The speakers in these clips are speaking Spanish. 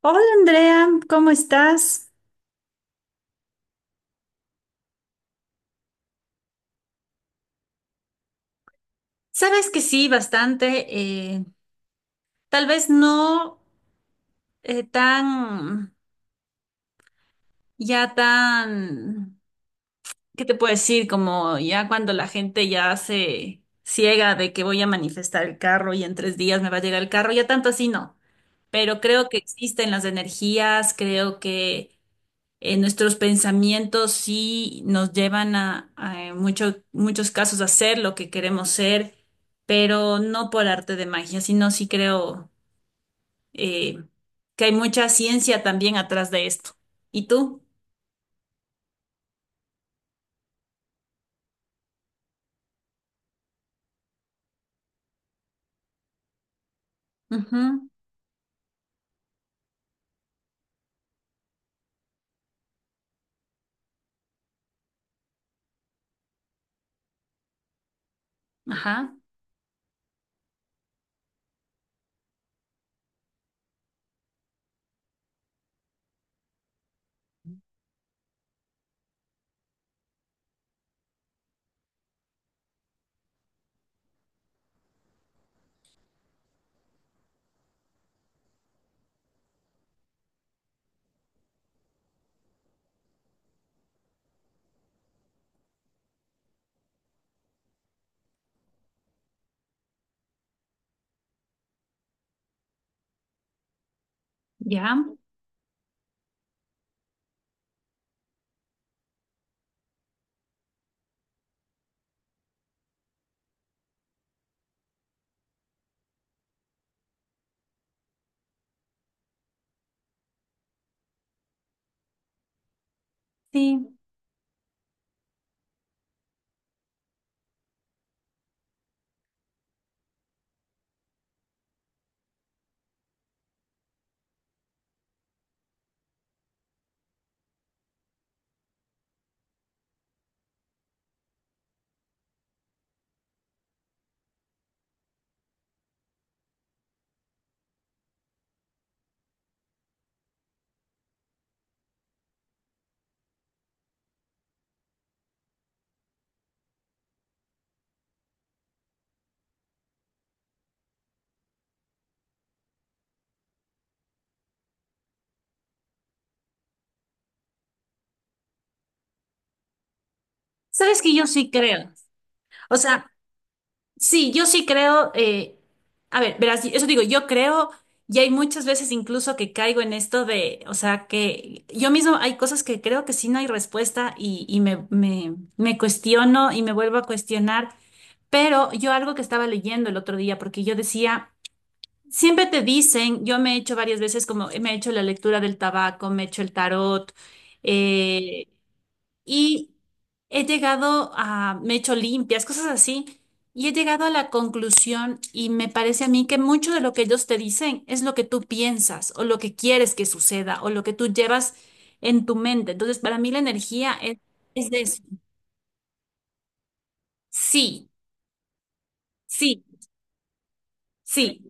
Hola Andrea, ¿cómo estás? Sabes que sí, bastante. Tal vez no eh, tan, ya tan, ¿qué te puedo decir? Como ya cuando la gente ya se ciega de que voy a manifestar el carro y en tres días me va a llegar el carro, ya tanto así no. Pero creo que existen las energías, creo que nuestros pensamientos sí nos llevan en muchos casos a ser lo que queremos ser, pero no por arte de magia, sino sí creo eh, que hay mucha ciencia también atrás de esto. ¿Y tú? Ujú. Ajá. Ya. Sí. Sabes que yo sí creo. O sea, sí, yo sí creo. A ver, verás, eso digo, yo creo, y hay muchas veces incluso que caigo en esto de, o sea, que yo mismo hay cosas que creo que sí no hay respuesta y me cuestiono y me vuelvo a cuestionar, pero yo algo que estaba leyendo el otro día, porque yo decía, siempre te dicen, yo me he hecho varias veces como, me he hecho la lectura del tabaco, me he hecho el tarot. Mm. eh, y he llegado a, me he hecho limpias, cosas así, y he llegado a la conclusión y me parece a mí que mucho de lo que ellos te dicen es lo que tú piensas o lo que quieres que suceda o lo que tú llevas en tu mente. Entonces, para mí la energía es de eso. Sí, sí, sí.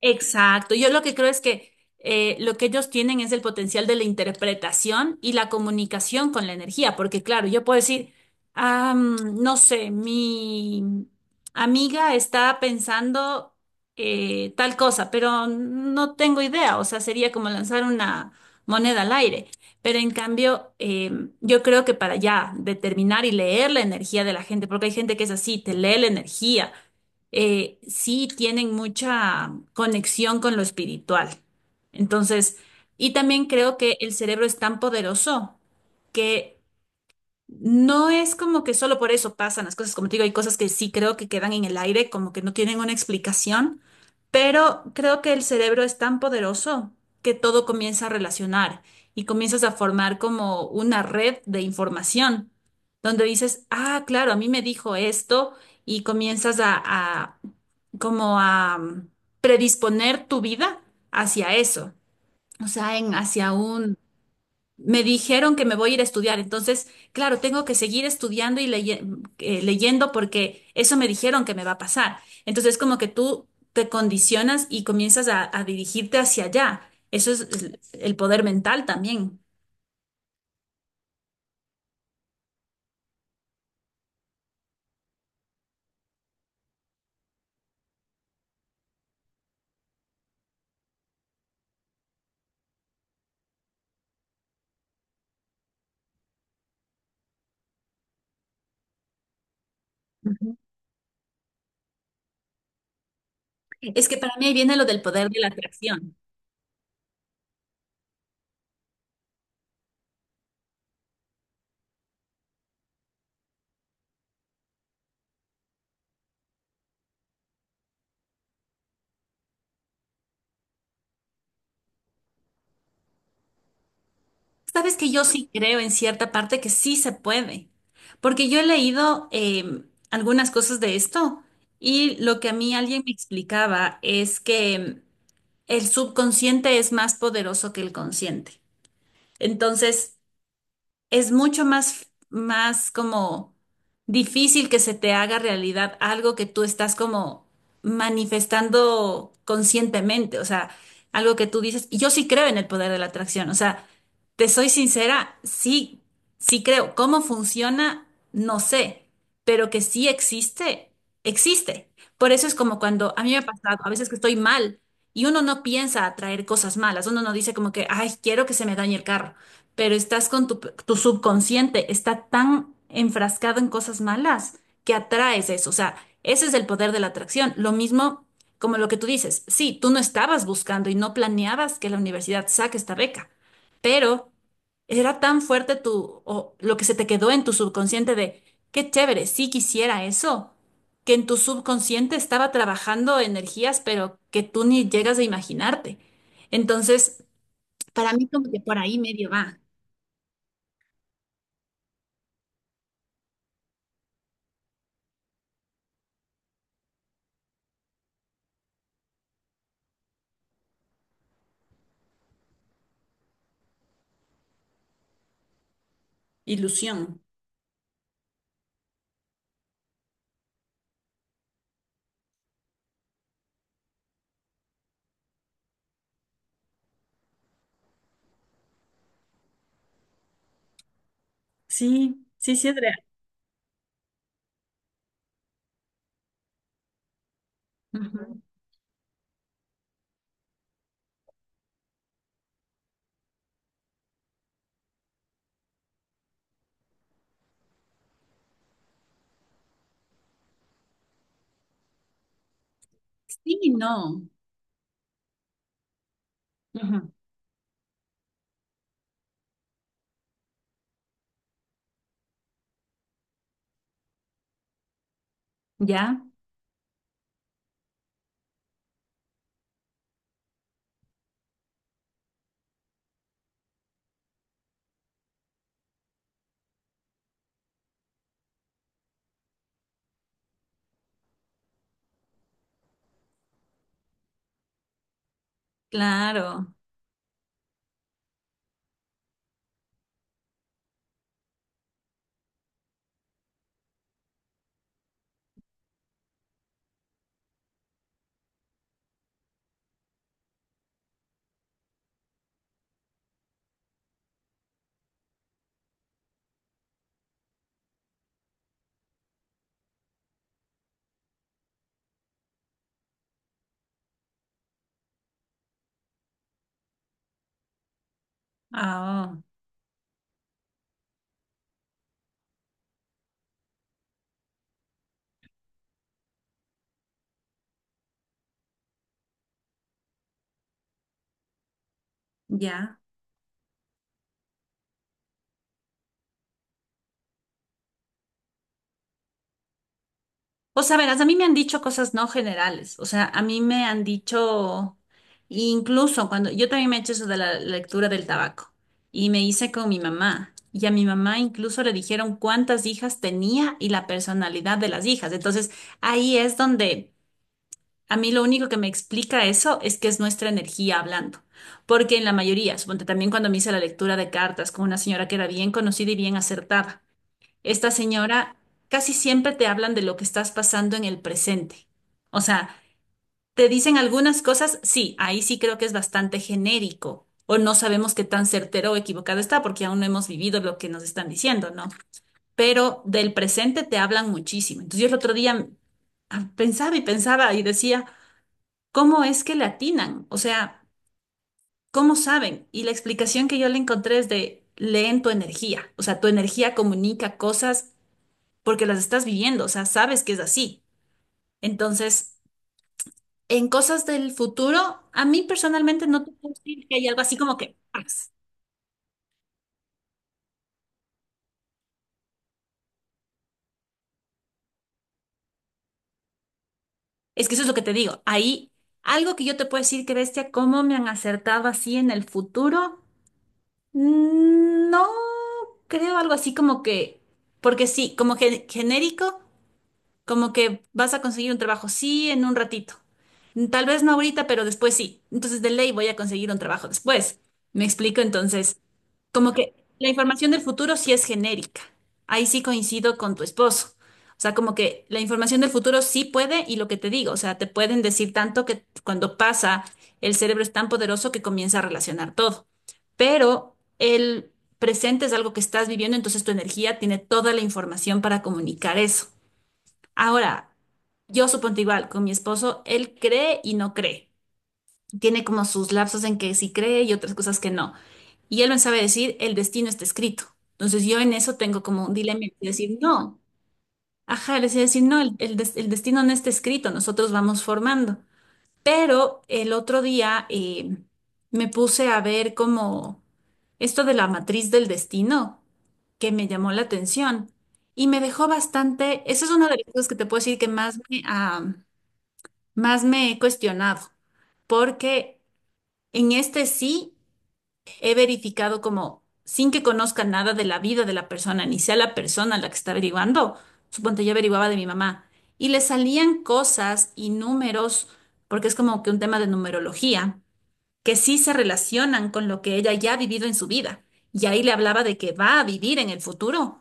Exacto. Yo lo que creo es que lo que ellos tienen es el potencial de la interpretación y la comunicación con la energía, porque claro, yo puedo decir, "Ah, no sé, mi amiga está pensando tal cosa", pero no tengo idea, o sea, sería como lanzar una moneda al aire. Pero en cambio, yo creo que para ya determinar y leer la energía de la gente, porque hay gente que es así, te lee la energía, sí tienen mucha conexión con lo espiritual. Entonces, y también creo que el cerebro es tan poderoso que no es como que solo por eso pasan las cosas, como te digo, hay cosas que sí creo que quedan en el aire, como que no tienen una explicación, pero creo que el cerebro es tan poderoso que todo comienza a relacionar y comienzas a formar como una red de información, donde dices, ah, claro, a mí me dijo esto y comienzas como a predisponer tu vida hacia eso, o sea, en, hacia Mm. un me dijeron que me voy a ir a estudiar. Entonces, claro, tengo que seguir estudiando y leyendo porque eso me dijeron que me va a pasar. Entonces, como que tú te condicionas y comienzas a dirigirte hacia allá. Eso es el poder mental también. Ujú. Es que para mí ahí viene lo del poder de la atracción. Sabes que yo sí creo en cierta parte que sí se puede, porque yo he leído algunas cosas de esto y lo que a mí alguien me explicaba es que el subconsciente es más poderoso que el consciente. Entonces, es mucho más, más como difícil que se te haga realidad algo que tú estás como manifestando conscientemente, o sea, algo que tú dices, y yo sí creo en el poder de la atracción, o sea, te soy sincera, sí, sí creo. ¿Cómo funciona? No sé, pero que sí existe, existe. Por eso es como cuando a mí me ha pasado, a veces que estoy mal y uno no piensa atraer cosas malas, uno no dice como que, ay, quiero que se me dañe el carro, pero estás con tu, tu subconsciente, está tan enfrascado en cosas malas que atraes eso. O sea, ese es el poder de la atracción. Lo mismo como lo que tú dices, sí, tú no estabas buscando y no planeabas que la universidad saque esta beca, pero era tan fuerte tu, o lo que se te quedó en tu subconsciente de, qué chévere, sí quisiera eso, que en tu subconsciente estaba trabajando energías, pero que tú ni llegas a imaginarte. Entonces, para mí como que por ahí medio va. Ilusión. Sí, sí, sí es real. Ujú. Sí, y no. Ujú. ¿Ya? Claro. Ah, oh, ya. O sea, verás, a mí me han dicho cosas no generales. O sea, a mí me han dicho, incluso cuando yo también me he hecho eso de la lectura del tabaco y me hice con mi mamá. Y a mi mamá incluso le dijeron cuántas hijas tenía y la personalidad de las hijas. Entonces, ahí es donde… A mí lo único que me explica eso es que es nuestra energía hablando, porque en la mayoría, suponte también cuando me hice la lectura de cartas con una señora que era bien conocida y bien acertada, esta señora casi siempre te hablan de lo que estás pasando en el presente. O sea, te dicen algunas cosas, sí, ahí sí creo que es bastante genérico, o no sabemos qué tan certero o equivocado está porque aún no hemos vivido lo que nos están diciendo, ¿no? Pero del presente te hablan muchísimo. Entonces yo el otro día pensaba y pensaba y decía… ¿cómo es que le atinan? O sea, ¿cómo saben? Y la explicación que yo le encontré es de leen tu energía. O sea, tu energía comunica cosas porque las estás viviendo, o sea, sabes que es así. Entonces, en cosas del futuro, a mí personalmente no te puedo decir que hay algo así como que ¡paz! Es que eso es lo que te digo. Ahí, algo que yo te puedo decir que bestia, cómo me han acertado así en el futuro, no creo algo así como que, porque sí, como genérico. Como que vas a conseguir un trabajo, sí, en un ratito. Tal vez no ahorita, pero después sí. Entonces, de ley voy a conseguir un trabajo después. ¿Me explico? Entonces, como que la información del futuro sí es genérica. Ahí sí coincido con tu esposo. O sea, como que la información del futuro sí puede y lo que te digo, o sea, te pueden decir tanto que cuando pasa, el cerebro es tan poderoso que comienza a relacionar todo. Pero el presente es algo que estás viviendo, entonces tu energía tiene toda la información para comunicar eso. Ahora, yo supongo igual, con mi esposo, él cree y no cree. Tiene como sus lapsos en que sí cree y otras cosas que no. Y él me sabe decir, el destino está escrito. Entonces yo en eso tengo como un dilema de decir, no, ajá, le decía decir, no, el destino no está escrito, nosotros vamos formando. Pero el otro día me puse a ver como esto de la matriz del destino, que me llamó la atención y me dejó bastante, esa es una de las cosas que te puedo decir que más me, más me he cuestionado, porque en este sí he verificado como sin que conozca nada de la vida de la persona, ni sea la persona la que está averiguando. Suponte yo averiguaba de mi mamá y le salían cosas y números, porque es como que un tema de numerología que sí se relacionan con lo que ella ya ha vivido en su vida. Y ahí le hablaba de que va a vivir en el futuro,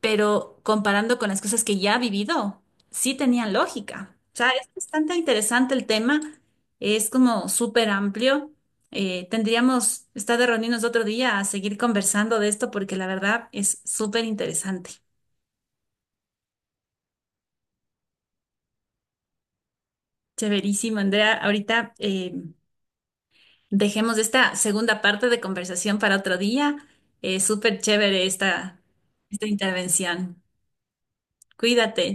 pero comparando con las cosas que ya ha vivido, sí tenían lógica. O sea, es bastante interesante el tema, es como súper amplio. Tendríamos, está de reunirnos otro día a seguir conversando de esto porque la verdad es súper interesante. Chéverísimo, Andrea. Ahorita dejemos esta segunda parte de conversación para otro día. Súper chévere esta, esta intervención. Cuídate.